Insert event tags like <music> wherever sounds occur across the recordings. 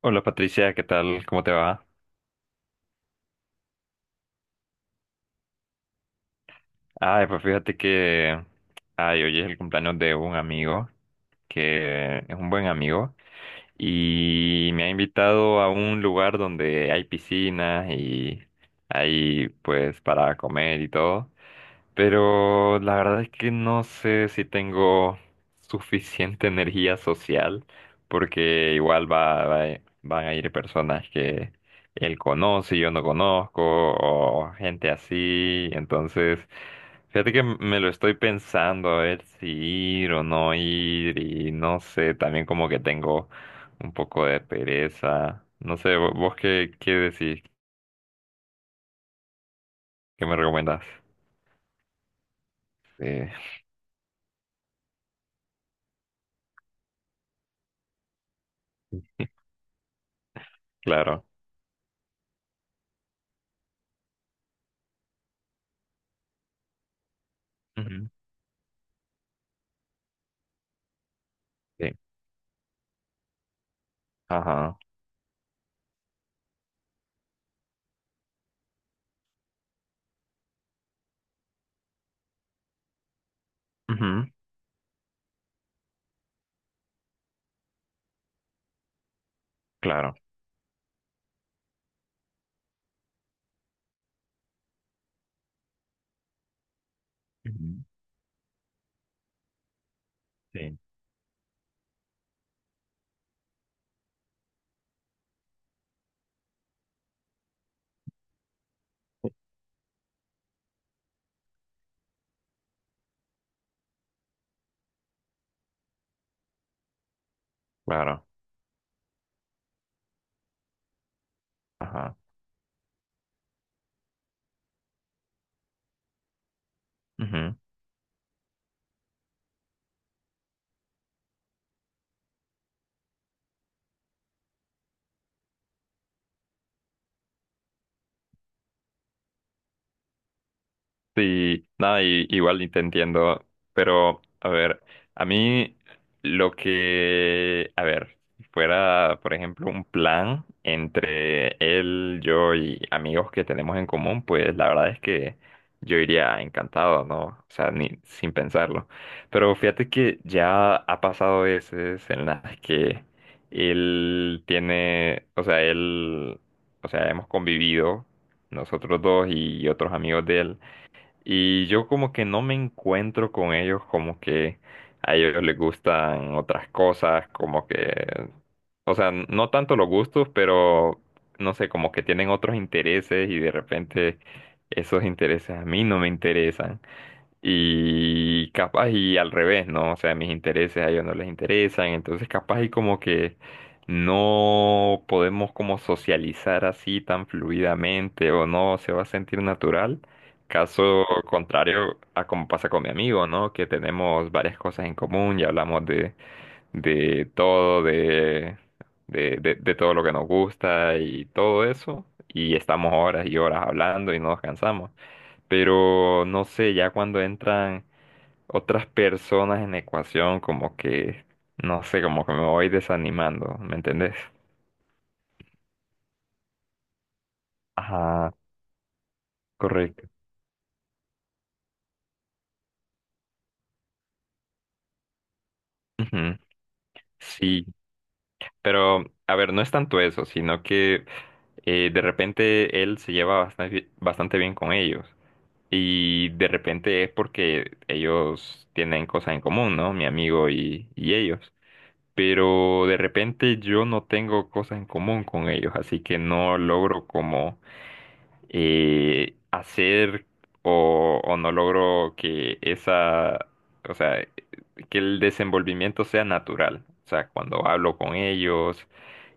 Hola Patricia, ¿qué tal? ¿Cómo te va? Ay, pues fíjate que... Ay, hoy es el cumpleaños de un amigo, que es un buen amigo, y me ha invitado a un lugar donde hay piscinas y hay pues para comer y todo. Pero la verdad es que no sé si tengo suficiente <laughs> energía social, porque igual van a ir personas que él conoce y yo no conozco, o gente así. Entonces, fíjate que me lo estoy pensando a ver si ir o no ir, y no sé, también como que tengo un poco de pereza. No sé, ¿vos qué decís? ¿Qué me recomendás? Sí, claro. Ujú. Sí. Ajá. Ujú, claro. Ujú, sí. Claro. Ajá. Ujú. Sí, nada, igual y te entiendo, pero a ver, a mí lo que, a ver, si fuera, por ejemplo, un plan entre él, yo y amigos que tenemos en común, pues la verdad es que yo iría encantado, ¿no? O sea, ni sin pensarlo. Pero fíjate que ya ha pasado veces en las que él tiene, o sea, él, o sea, hemos convivido nosotros dos y otros amigos de él. Y yo como que no me encuentro con ellos, como que a ellos les gustan otras cosas, como que, o sea, no tanto los gustos, pero no sé, como que tienen otros intereses y de repente esos intereses a mí no me interesan. Y capaz y al revés, ¿no? O sea, mis intereses a ellos no les interesan, entonces capaz y como que no podemos como socializar así tan fluidamente o no se va a sentir natural. Caso contrario a como pasa con mi amigo, ¿no? Que tenemos varias cosas en común y hablamos de todo, de todo lo que nos gusta y todo eso. Y estamos horas y horas hablando y no nos cansamos. Pero no sé, ya cuando entran otras personas en la ecuación, como que, no sé, como que me voy desanimando, ¿me entendés? Ajá, correcto. Ujú, sí, pero a ver, no es tanto eso, sino que de repente él se lleva bastante, bastante bien con ellos. Y de repente es porque ellos tienen cosas en común, ¿no? Mi amigo y ellos. Pero de repente yo no tengo cosas en común con ellos, así que no logro como hacer o no logro que esa, o sea, que el desenvolvimiento sea natural. O sea, cuando hablo con ellos,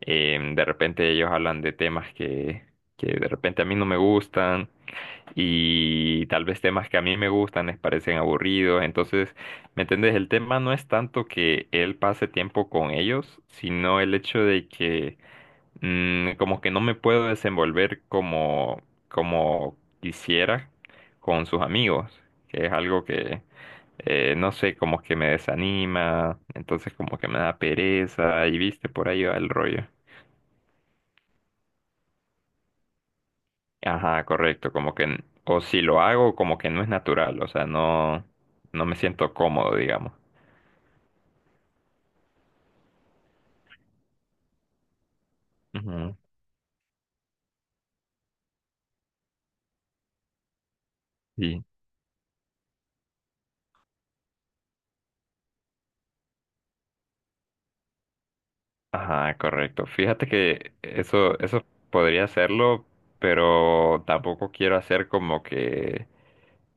de repente ellos hablan de temas que de repente a mí no me gustan y tal vez temas que a mí me gustan les parecen aburridos. Entonces, ¿me entendés? El tema no es tanto que él pase tiempo con ellos, sino el hecho de que como que no me puedo desenvolver como, como quisiera con sus amigos, que es algo que, no sé, como que me desanima, entonces como que me da pereza y viste, por ahí va el rollo. Ajá, correcto, como que, o si lo hago, como que no es natural, o sea, no, no me siento cómodo, digamos. Ujú, sí. Ajá, correcto. Fíjate que eso podría hacerlo, pero tampoco quiero hacer como que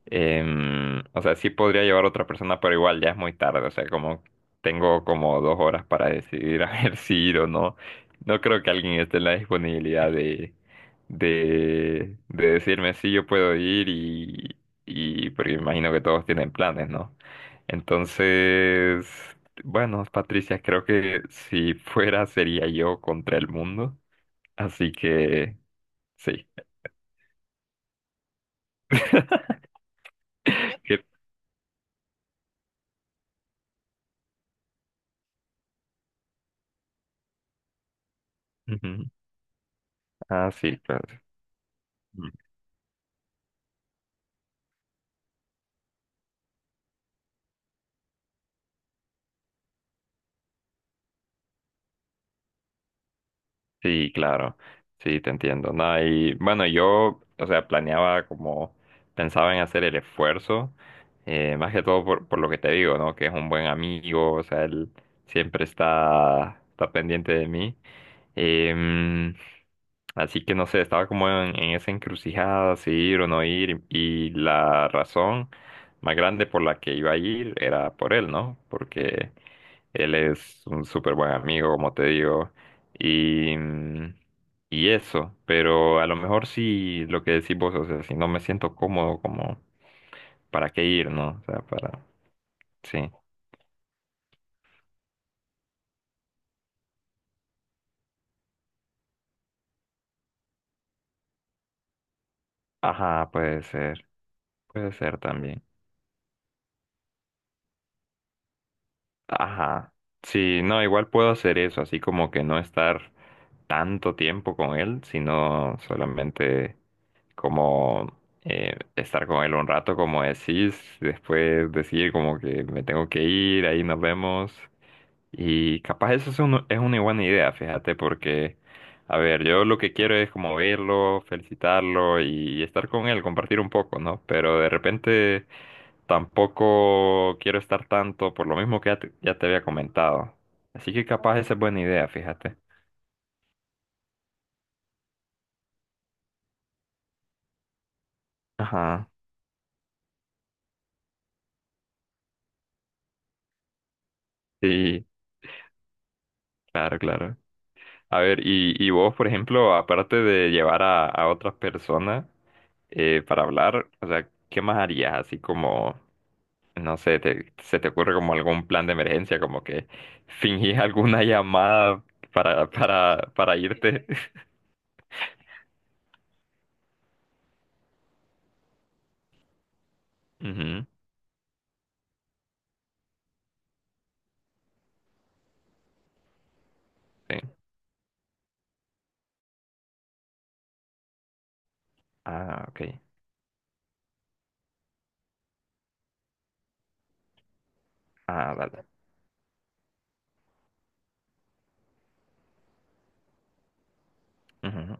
O sea, sí podría llevar otra persona, pero igual ya es muy tarde. O sea, como tengo como 2 horas para decidir <laughs> a ver si ir o no. No creo que alguien esté en la disponibilidad de decirme si yo puedo ir y porque imagino que todos tienen planes, ¿no? Entonces, bueno, Patricia, creo que si fuera sería yo contra el mundo. Así que sí. <laughs> Que- Ujú. Ah, sí, claro. Sí, claro, sí, te entiendo. No, y bueno, yo, o sea, planeaba como, pensaba en hacer el esfuerzo, más que todo por lo que te digo, ¿no? Que es un buen amigo, o sea, él siempre está, está pendiente de mí. Em, así que no sé, estaba como en esa encrucijada, si ir o no ir, y la razón más grande por la que iba a ir era por él, ¿no? Porque él es un súper buen amigo, como te digo, y, y eso, pero a lo mejor sí lo que decís vos, o sea, si no me siento cómodo, como, ¿para qué ir, no? O sea, para, sí. Ajá, puede ser también. Ajá. Sí, no, igual puedo hacer eso, así como que no estar tanto tiempo con él, sino solamente como estar con él un rato, como decís, después decir como que me tengo que ir, ahí nos vemos. Y capaz eso es, es una buena idea, fíjate, porque, a ver, yo lo que quiero es como verlo, felicitarlo y estar con él, compartir un poco, ¿no? Pero de repente tampoco quiero estar tanto por lo mismo que ya te había comentado. Así que capaz esa es buena idea, fíjate. Ajá, sí, claro, claro. A ver, y vos, por ejemplo, aparte de llevar a otras personas para hablar, o sea, ¿qué más harías? Así como... No sé, ¿se te ocurre como algún plan de emergencia, como que fingís <laughs> alguna llamada para irte? <laughs> Ujú, sí. Ah, ok. Ah, vale. Ujú.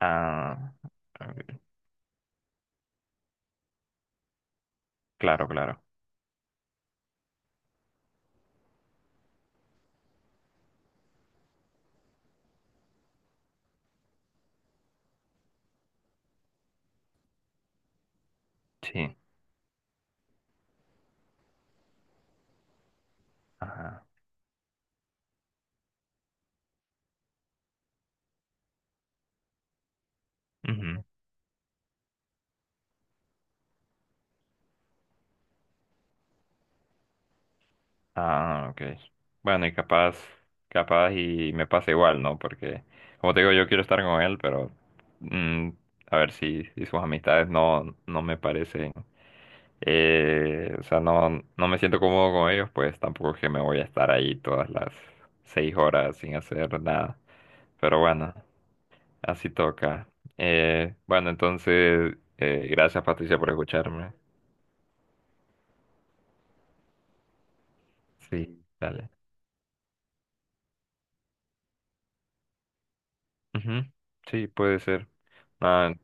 Ah, ok, claro, claro. Sí. Ajá. Ujú. Ah, ok. Bueno, y capaz, capaz y me pasa igual, ¿no? Porque, como te digo, yo quiero estar con él, pero mm, a ver si, si sus amistades no, no me parecen. O sea, no, no me siento cómodo con ellos, pues tampoco es que me voy a estar ahí todas las 6 horas sin hacer nada. Pero bueno, así toca. Bueno, entonces, gracias Patricia por escucharme. Sí, dale. Ujú, sí, puede ser. Nada,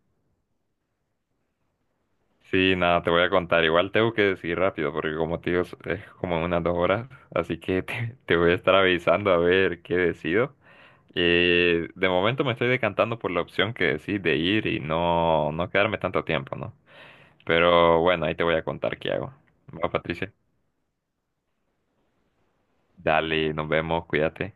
sí, nada, te voy a contar. Igual tengo que decir rápido, porque como te digo, es como unas 2 horas. Así que <laughs> te voy a estar avisando a ver qué decido. Y de momento me estoy decantando por la opción que decís de ir y no, no quedarme tanto tiempo, ¿no? Pero bueno, ahí te voy a contar qué hago. Va, Patricia. Dale, nos vemos, cuídate.